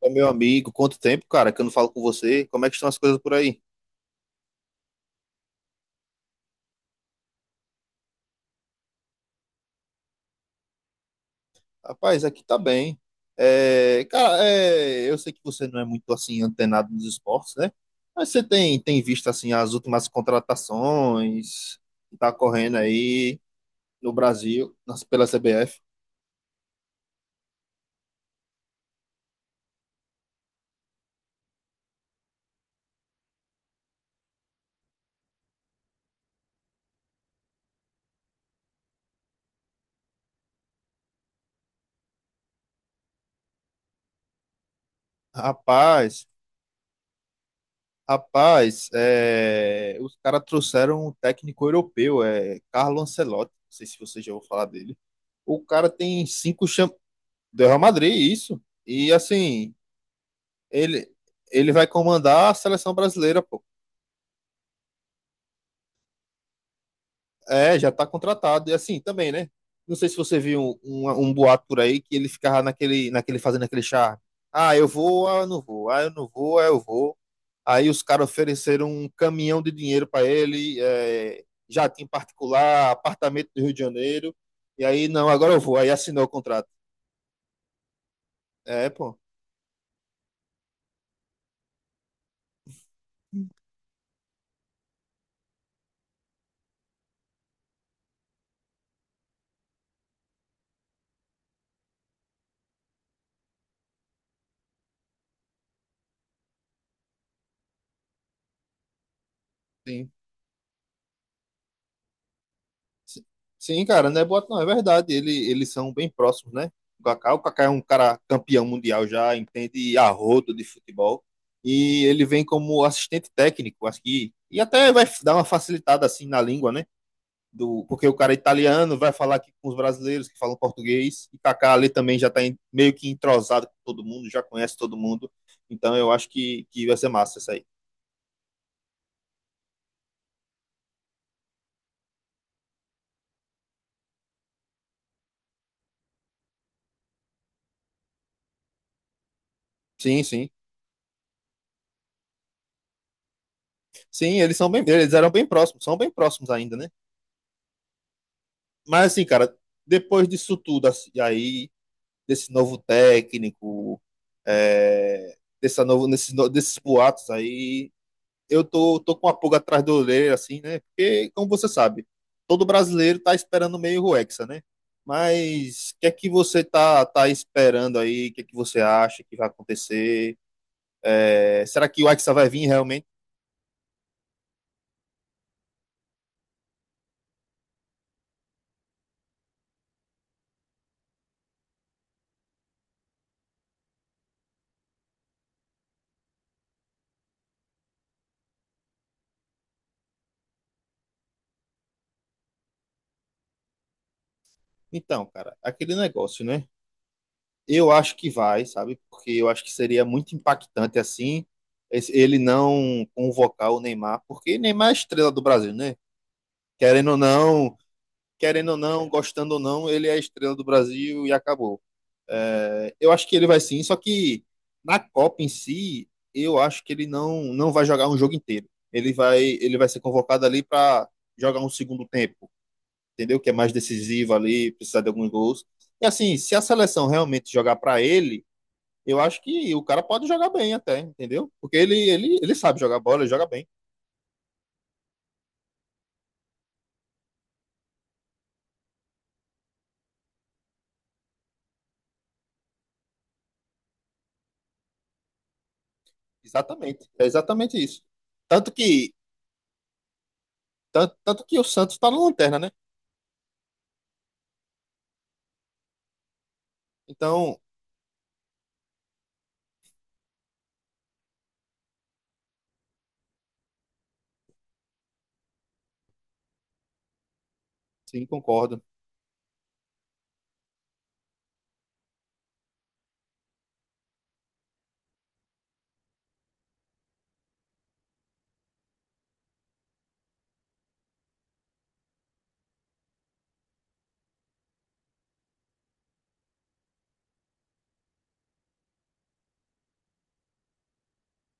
Ô, meu amigo, quanto tempo, cara, que eu não falo com você? Como é que estão as coisas por aí? Rapaz, aqui tá bem. Cara, eu sei que você não é muito assim antenado nos esportes, né? Mas você tem visto assim as últimas contratações que tá correndo aí no Brasil, nas- pela CBF? Rapaz, rapaz, é, os caras trouxeram um técnico europeu, é Carlo Ancelotti. Não sei se você já ouviu falar dele. O cara tem cinco cham... do Real Madrid, isso. E assim, Ele, ele vai comandar a seleção brasileira, pô. É, já tá contratado. E assim também, né? Não sei se você viu um boato por aí que ele ficava naquele fazendo aquele charme. Ah, eu vou, ah, eu não vou, ah, eu não vou, ah, eu vou. Aí os caras ofereceram um caminhão de dinheiro para ele, é, jatinho particular, apartamento do Rio de Janeiro. E aí, não, agora eu vou. Aí assinou o contrato. É, pô. Sim. Sim, cara, não é boato, não, é verdade. Ele, eles são bem próximos, né? O Kaká é um cara campeão mundial já, entende a rodo de futebol. E ele vem como assistente técnico, acho que. E até vai dar uma facilitada assim na língua, né? Do, porque o cara é italiano vai falar aqui com os brasileiros que falam português. E Kaká ali também já tá em- meio que entrosado com todo mundo, já conhece todo mundo. Então eu acho que vai ser massa isso aí. Sim, sim. Sim, eles são bem, eles eram bem próximos, são bem próximos ainda, né? Mas assim, cara, depois disso tudo, assim, aí, desse novo técnico, é, dessa novo, nesses, no- desses boatos aí, eu tô com uma pulga atrás da orelha, assim, né? Porque, como você sabe, todo brasileiro tá esperando meio o Hexa, né? Mas o que é que você tá esperando aí? O que é que você acha que vai acontecer? É, será que o Hexa vai vir realmente? Então, cara, aquele negócio, né? Eu acho que vai, sabe? Porque eu acho que seria muito impactante assim esse- ele não convocar o Neymar, porque Neymar é a estrela do Brasil, né? Querendo ou não, querendo ou não, gostando ou não, ele é a estrela do Brasil e acabou. É, eu acho que ele vai sim, só que na Copa em si, eu acho que ele não vai jogar um jogo inteiro. Ele vai ser convocado ali para jogar um segundo tempo, entendeu? Que é mais decisivo ali, precisar de alguns gols. E assim, se a seleção realmente jogar para ele eu acho que o cara pode jogar bem até, entendeu? Porque ele sabe jogar bola, ele joga bem. Exatamente. É exatamente isso. Tanto que, tanto que o Santos tá na lanterna, né? Então, sim, concordo.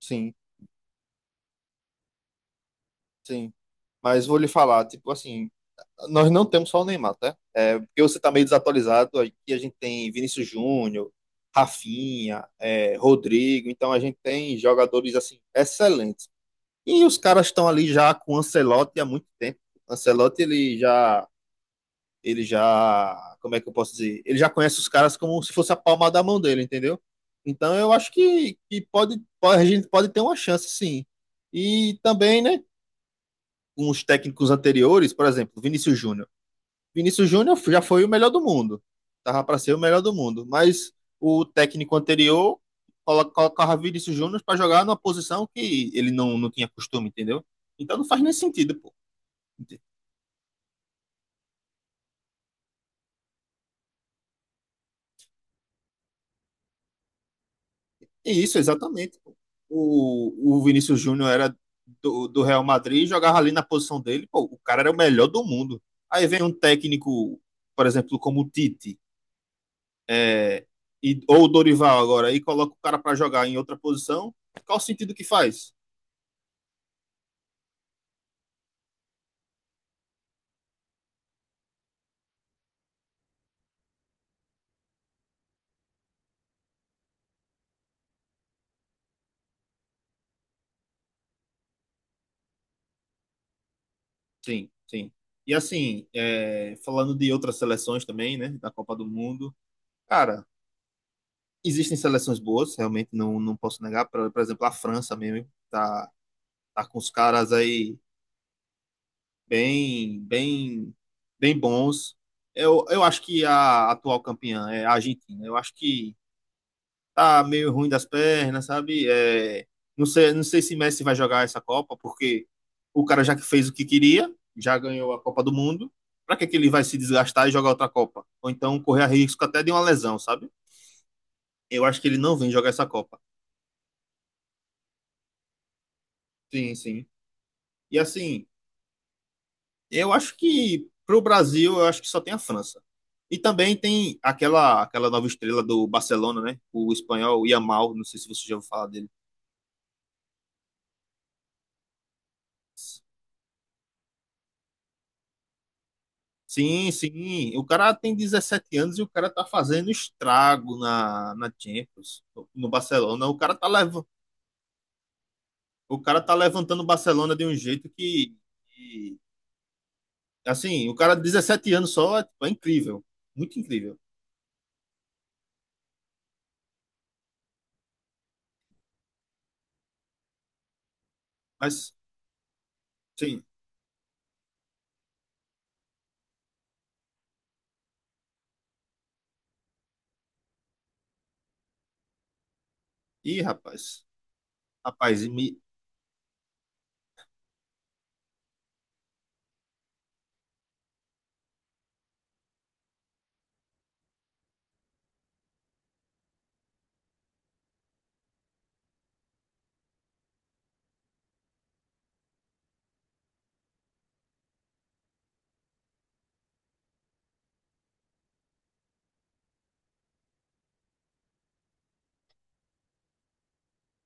Sim, sim. Mas vou lhe falar, tipo assim, nós não temos só o Neymar, tá? É, porque você tá meio desatualizado, aqui a gente tem Vinícius Júnior, Rafinha, é, Rodrigo, então a gente tem jogadores, assim, excelentes. E os caras estão ali já com o Ancelotti há muito tempo. Ancelotti, ele já, como é que eu posso dizer? Ele já conhece os caras como se fosse a palma da mão dele, entendeu? Então eu acho que pode, a gente pode ter uma chance, sim. E também, né, com os técnicos anteriores, por exemplo, Vinícius Júnior. Vinícius Júnior já foi o melhor do mundo. Tava para ser o melhor do mundo, mas o técnico anterior colo- colocava Vinícius Júnior para jogar numa posição que ele não tinha costume, entendeu? Então não faz nem sentido, pô. Isso, exatamente. Pô. O Vinícius Júnior era do Real Madrid, e jogava ali na posição dele, pô, o cara era o melhor do mundo. Aí vem um técnico, por exemplo, como o Tite, é, e, ou o Dorival agora, e coloca o cara para jogar em outra posição, qual o sentido que faz? Sim, sim. E assim, é, falando de outras seleções também, né, da Copa do Mundo, cara, existem seleções boas, realmente não, não posso negar, por exemplo, a França mesmo, tá, tá com os caras aí bem, bem bons. Eu acho que a atual campeã é a Argentina. Eu acho que tá meio ruim das pernas, sabe? É, não sei, não sei se Messi vai jogar essa Copa, porque o cara já que fez o que queria, já ganhou a Copa do Mundo. Para que que ele vai se desgastar e jogar outra Copa? Ou então correr a risco até de uma lesão, sabe? Eu acho que ele não vem jogar essa Copa. Sim, sim. E assim, eu acho que pro Brasil, eu acho que só tem a França. E também tem aquela nova estrela do Barcelona, né? O espanhol Yamal, não sei se você já ouviu falar dele. Sim, sim. O cara tem 17 anos e o cara tá fazendo estrago na, na Champions, no Barcelona. O cara tá levando, o cara tá levantando o Barcelona de um jeito que- assim, o cara de 17 anos só é, é incrível, muito incrível. Mas sim. Ih, rapaz. Rapaz, e me,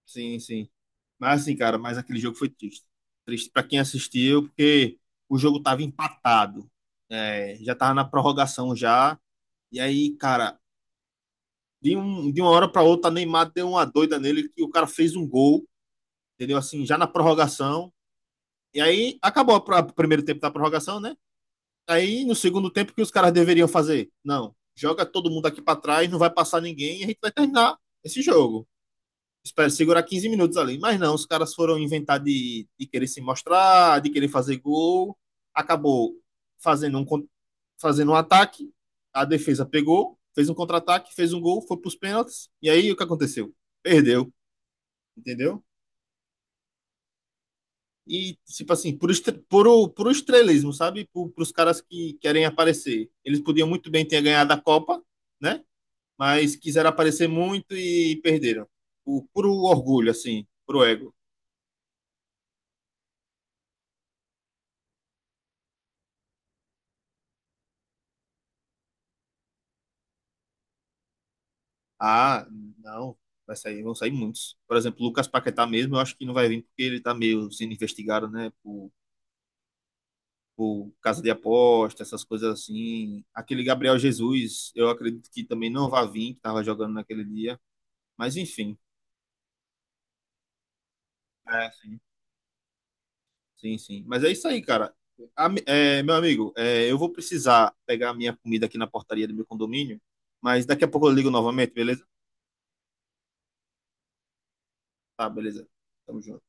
sim, sim. Mas assim, cara, mas aquele jogo foi triste. Triste para quem assistiu, porque o jogo tava empatado. É, já tava na prorrogação já. E aí, cara, de, um, de uma hora para outra, Neymar deu uma doida nele que o cara fez um gol, entendeu? Assim, já na prorrogação. E aí acabou a- o primeiro tempo da prorrogação, né? Aí no segundo tempo, o que os caras deveriam fazer? Não, joga todo mundo aqui para trás, não vai passar ninguém e a gente vai terminar esse jogo. Espero segurar 15 minutos ali. Mas não, os caras foram inventar de querer se mostrar, de querer fazer gol. Acabou fazendo um, fazendo um ataque, a defesa pegou, fez um contra-ataque, fez um gol, foi para os pênaltis. E aí o que aconteceu? Perdeu, entendeu? E, tipo assim, por, estre- por o estrelismo, sabe? Para os caras que querem aparecer. Eles podiam muito bem ter ganhado a Copa, né? Mas quiseram aparecer muito e perderam. Por o orgulho, assim, por o ego. Ah, não. Vai sair, vão sair muitos. Por exemplo, Lucas Paquetá mesmo, eu acho que não vai vir porque ele tá meio sendo investigado, né? Por casa de aposta, essas coisas assim. Aquele Gabriel Jesus, eu acredito que também não vai vir, que tava jogando naquele dia. Mas enfim. É, sim. Sim, sim. Mas é isso aí, cara. Ami- é, meu amigo, é, eu vou precisar pegar a minha comida aqui na portaria do meu condomínio, mas daqui a pouco eu ligo novamente, beleza? Tá, beleza. Tamo junto.